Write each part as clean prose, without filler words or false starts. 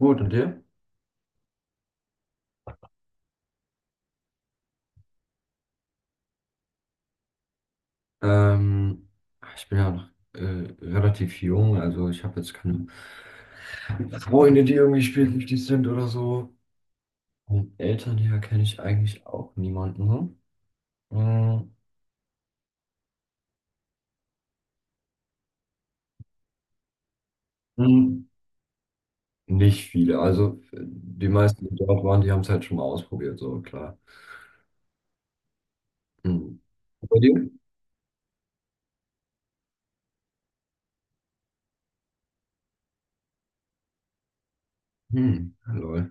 Gut, und dir? Ähm, ich bin ja noch äh, relativ jung, also ich habe jetzt keine Freunde, die irgendwie spielsüchtig sind oder so. Und Eltern her kenne ich eigentlich auch niemanden. Hm, hm. Nicht viele. Also die meisten, die dort waren, die haben es halt schon mal ausprobiert, so klar. Hm. Bei dir? Hm, lol.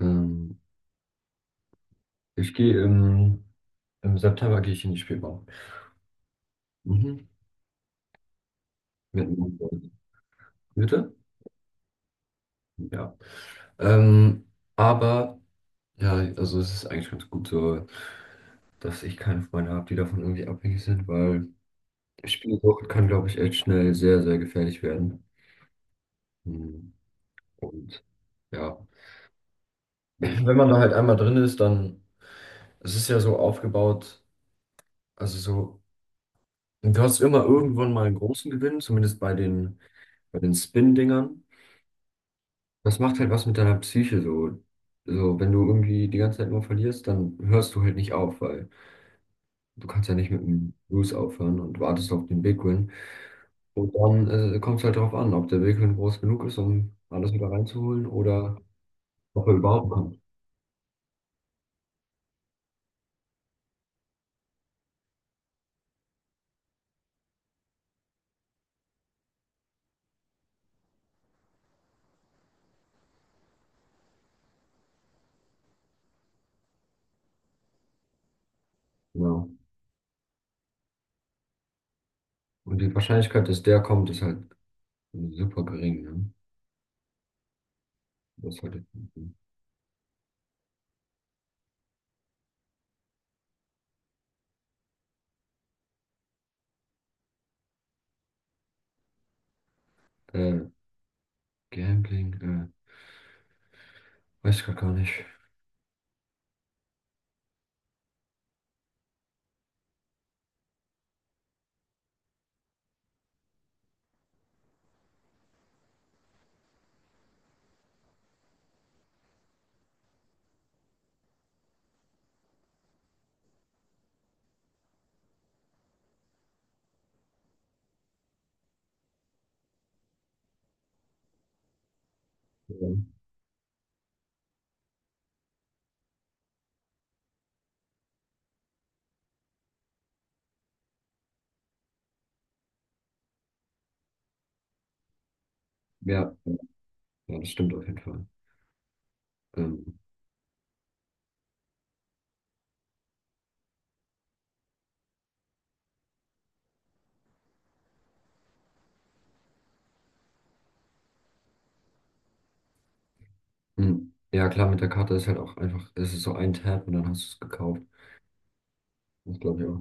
Ähm, ich gehe im, im September gehe ich in die Spielbahn. Mhm. Mit meinen Freunden. Bitte? Ja. Ähm, aber. Ja, also es ist eigentlich ganz gut so, dass ich keine Freunde habe, die davon irgendwie abhängig sind, weil Spielsucht kann, glaube ich, echt schnell sehr, sehr gefährlich werden. Hm, Und ja, wenn man da halt einmal drin ist, dann, es ist ja so aufgebaut, also so, du hast immer irgendwann mal einen großen Gewinn, zumindest bei den Spin-Dingern. Das macht halt was mit deiner Psyche so. So, wenn du irgendwie die ganze Zeit nur verlierst, dann hörst du halt nicht auf, weil du kannst ja nicht mit dem Lose aufhören und wartest auf den Big Win. Und dann kommt es halt darauf an, ob der Willen groß genug ist, um alles wieder reinzuholen oder ob er überhaupt kommt. Genau. Und die Wahrscheinlichkeit, dass der kommt, ist halt super gering. Ne? Das ist halt, äh, Gambling, weiß ich grad gar nicht. Ja, ja, ja, das stimmt auf jeden Fall. Ähm, mh. Ja, klar, mit der Karte ist halt auch einfach, es ist so ein Tab und dann hast du es gekauft. Das glaube ich auch.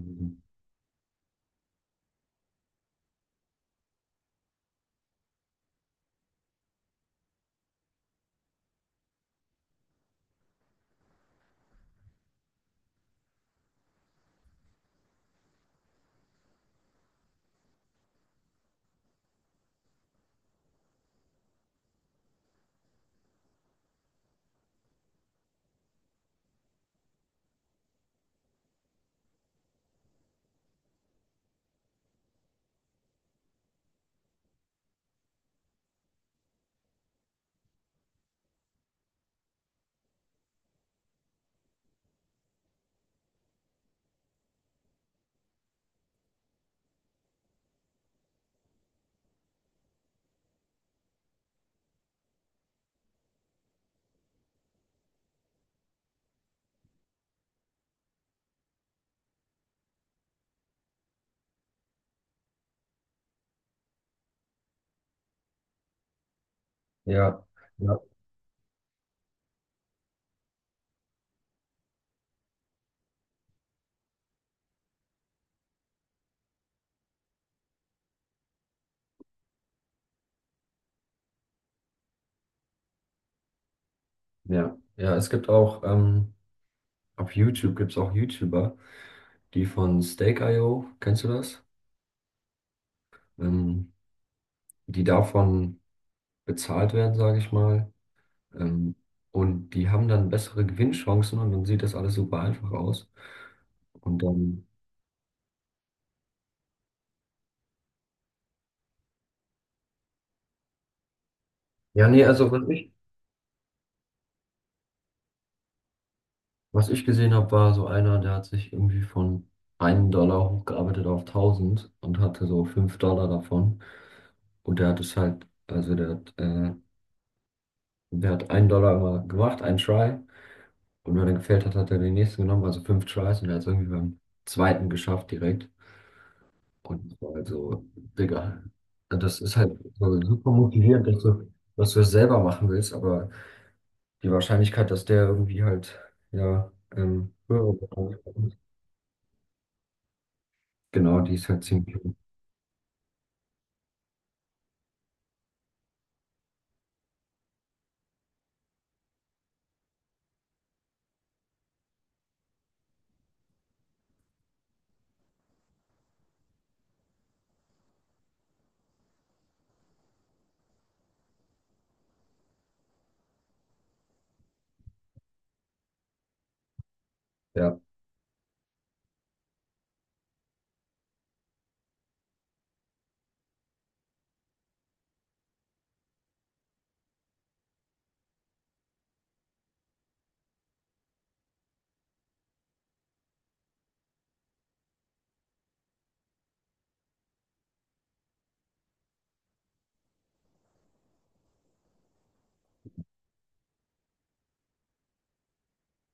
Ja, ja, ja, ja. Es gibt auch auf YouTube gibt es auch YouTuber, die von Stake.io, kennst du das? Ähm, die davon bezahlt werden, sage ich mal. Ähm, und die haben dann bessere Gewinnchancen und dann sieht das alles super einfach aus. Und dann, ja, nee, also was ich, gesehen habe, war so einer, der hat sich irgendwie von 1 Dollar hochgearbeitet auf 1.000 und hatte so 5 Dollar davon. Und der hat es halt, also der hat 1 Dollar immer gemacht, einen Try. Und wenn er gefällt hat, hat er den nächsten genommen, also fünf Tries und er hat es irgendwie beim zweiten geschafft direkt. Und das war halt so, Digga, also das ist halt so super motivierend, dass du, es selber machen willst, aber die Wahrscheinlichkeit, dass der irgendwie halt, ja, höhere Bereich kommt, genau, die ist halt ziemlich hoch. Ja,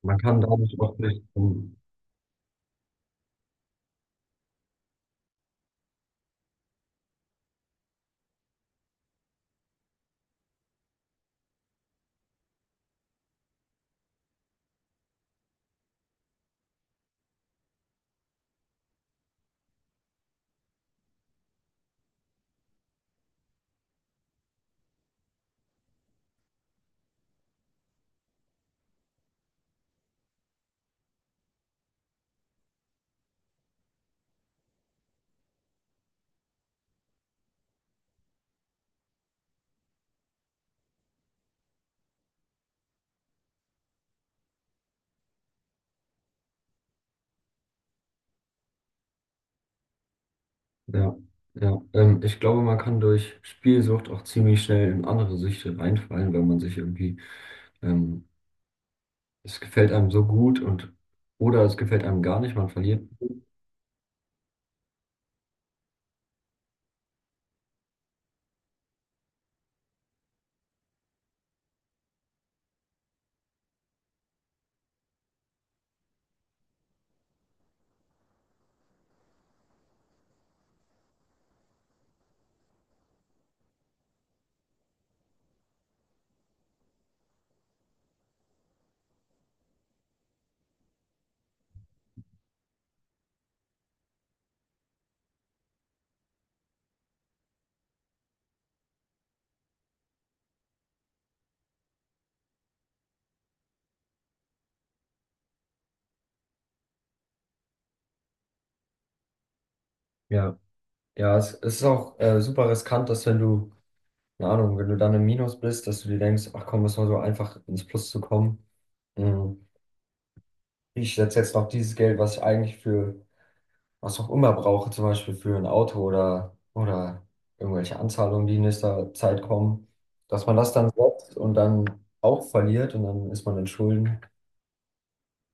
man kann dadurch auch nicht, ja, ja, ich glaube, man kann durch Spielsucht auch ziemlich schnell in andere Süchte reinfallen, wenn man sich irgendwie ähm, es gefällt einem so gut und oder es gefällt einem gar nicht, man verliert. Ja, ja, es, ist auch super riskant, dass wenn du, keine Ahnung, wenn du dann im Minus bist, dass du dir denkst, ach komm, es war so einfach ins Plus zu kommen. Mhm. Ich setze jetzt noch dieses Geld, was ich eigentlich für was auch immer brauche, zum Beispiel für ein Auto oder, irgendwelche Anzahlungen, die in nächster Zeit kommen, dass man das dann setzt und dann auch verliert und dann ist man in Schulden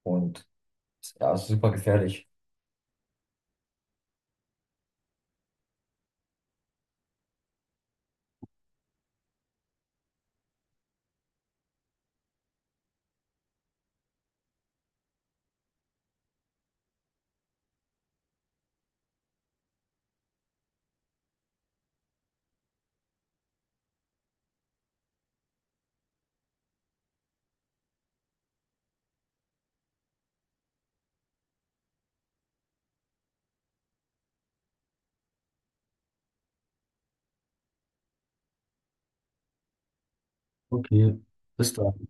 und ja, es ist super gefährlich. Okay, bis dann.